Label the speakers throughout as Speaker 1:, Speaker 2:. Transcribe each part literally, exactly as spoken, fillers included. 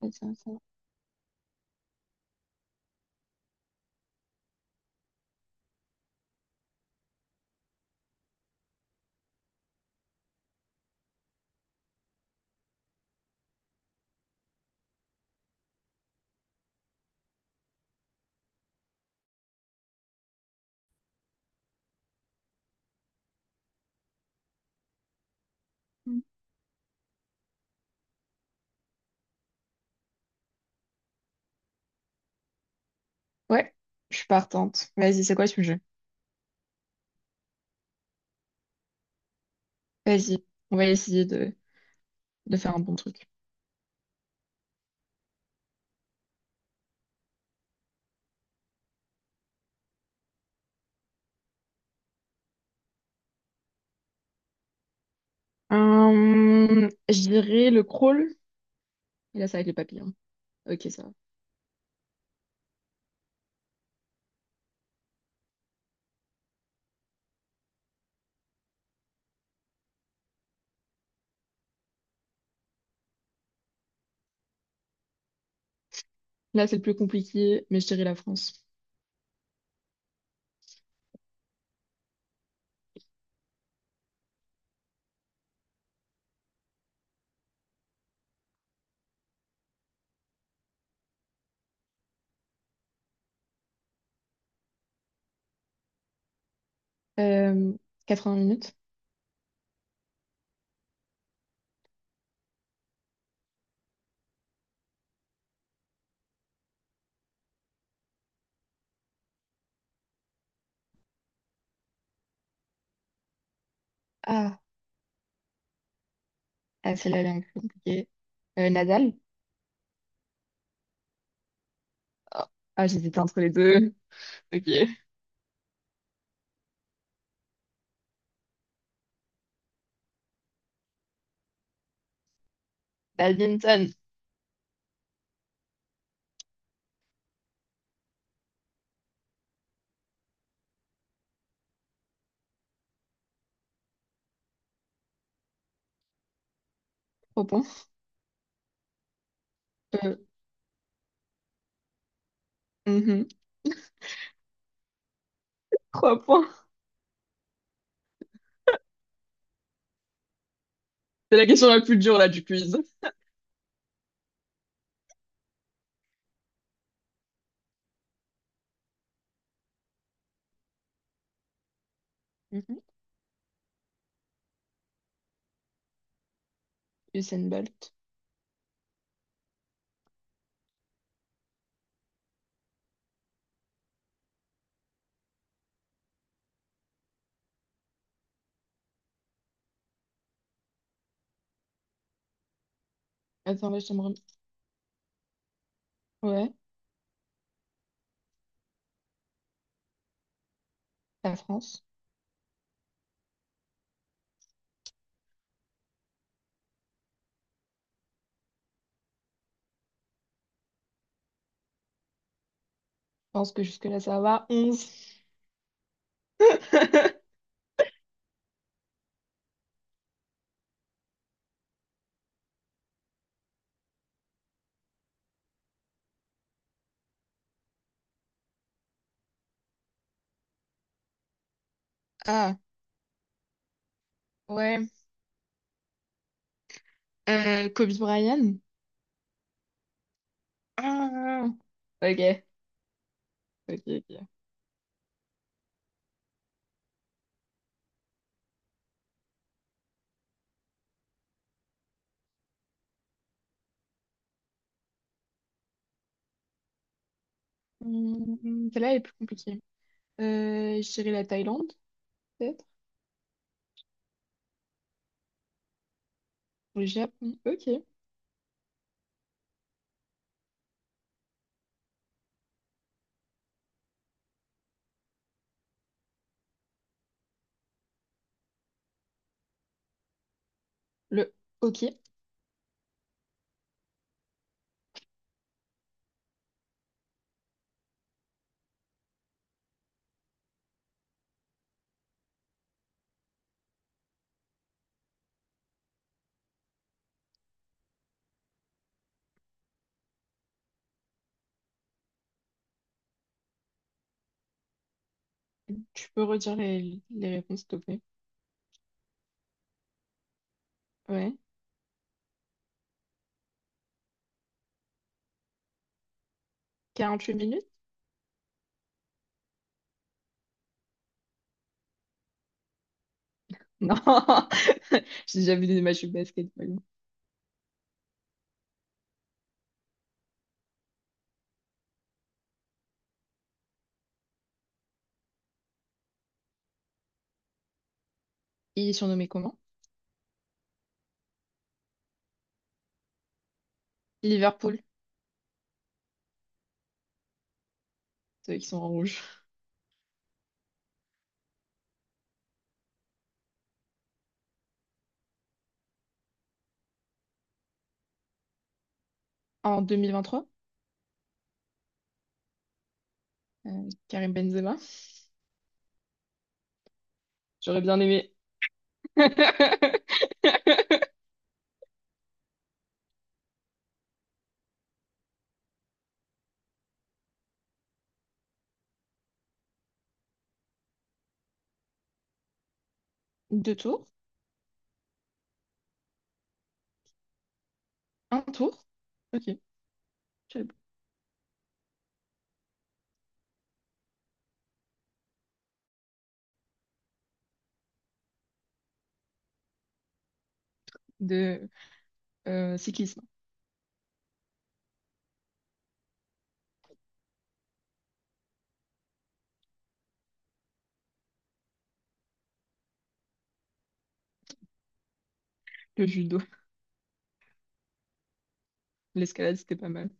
Speaker 1: Ouais, c'est ça. Mm. Ouais, je suis partante. Vas-y, c'est quoi le sujet? Vas-y, on va essayer de, de faire un bon truc. Hum, je dirais le crawl. Et là, ça va être les papillons. Ok, ça va. Là, c'est le plus compliqué, mais je dirais la France. Euh, quatre-vingts minutes. Ah, ah, celle-là, elle est un peu compliquée. Euh, Nadal? Ah, ah, j'hésite entre les deux. Ok. Badminton, trois points. Euh, mhm, trois points. C'est la question la plus dure là du quiz. Mhm. Usain Bolt. Attends, là, je me rem- ouais, la France. Je pense que jusque-là, ça va. Onze. Ah, ouais. Euh, Kobe Bryant. Ah, ok, ok, ok. Hmm, celle-là est plus compliquée. Euh, je dirais la Thaïlande, peut-être. Ou le Japon. Ok. Le... Ok. Tu peux redire les, les réponses, s'il te plaît. Ouais. Quarante-huit minutes? Non, j'ai déjà vu des matchs de basket, mais bon. Il est surnommé comment? Liverpool, ceux qui sont en rouge. En deux mille vingt-trois, euh, Karim Benzema. J'aurais bien aimé. Deux tours? Un tour? Ok. je De euh, cyclisme, le judo. L'escalade, c'était pas mal.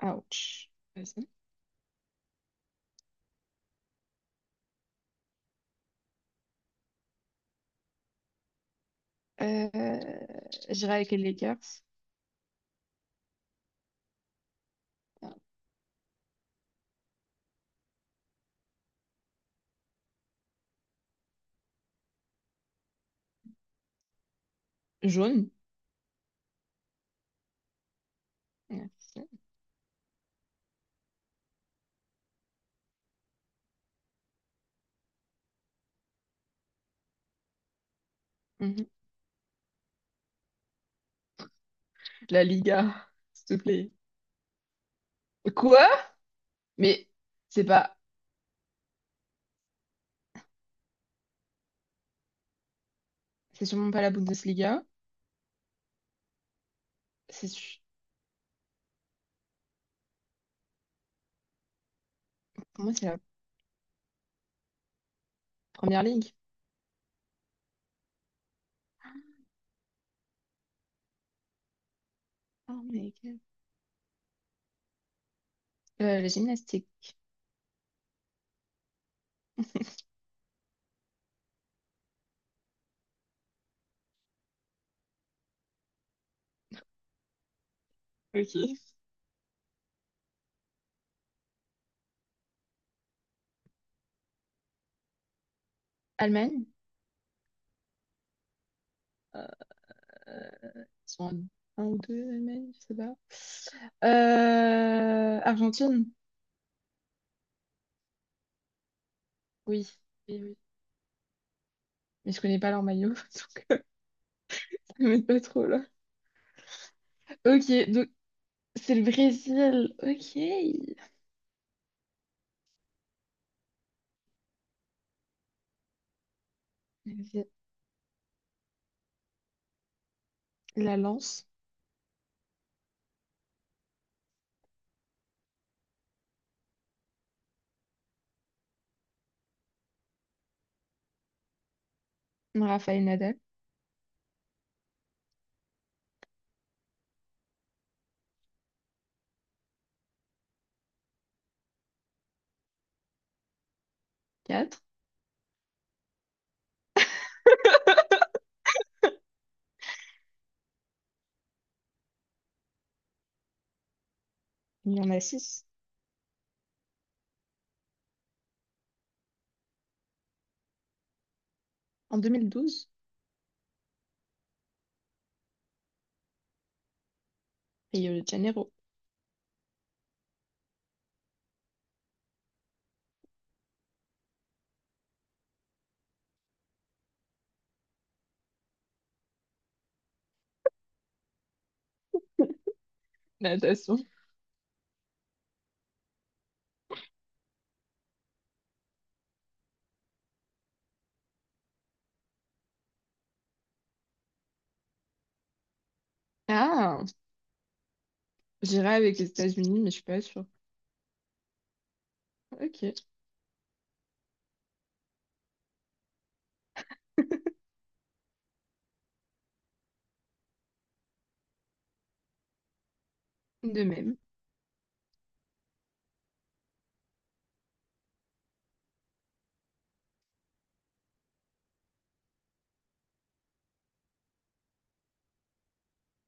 Speaker 1: Ouch. Vas-y. Euh, j'irai avec les Lakers. Jaune. Merci. Mhm. La Liga, s'il te plaît. Quoi? Mais c'est pas. C'est sûrement pas la Bundesliga. C'est su- Pour moi, c'est la première ligue. Oh, mais quel- Euh, la gymnastique. Ok. Allemagne. Euh, ils sont en un ou deux Allemagne, je sais pas. Euh, Argentine. Oui. Oui, oui. Mais je connais pas leur maillot, donc euh, je m'aide pas trop là. Ok, donc c'est le Brésil. Ok. La lance. Rafael Nadal. Quatre. Il y en a six. En deux mille douze. Rio de Janeiro. Natation. Ah, j'irai avec les États-Unis, mais je suis pas sûre. Ok, de même.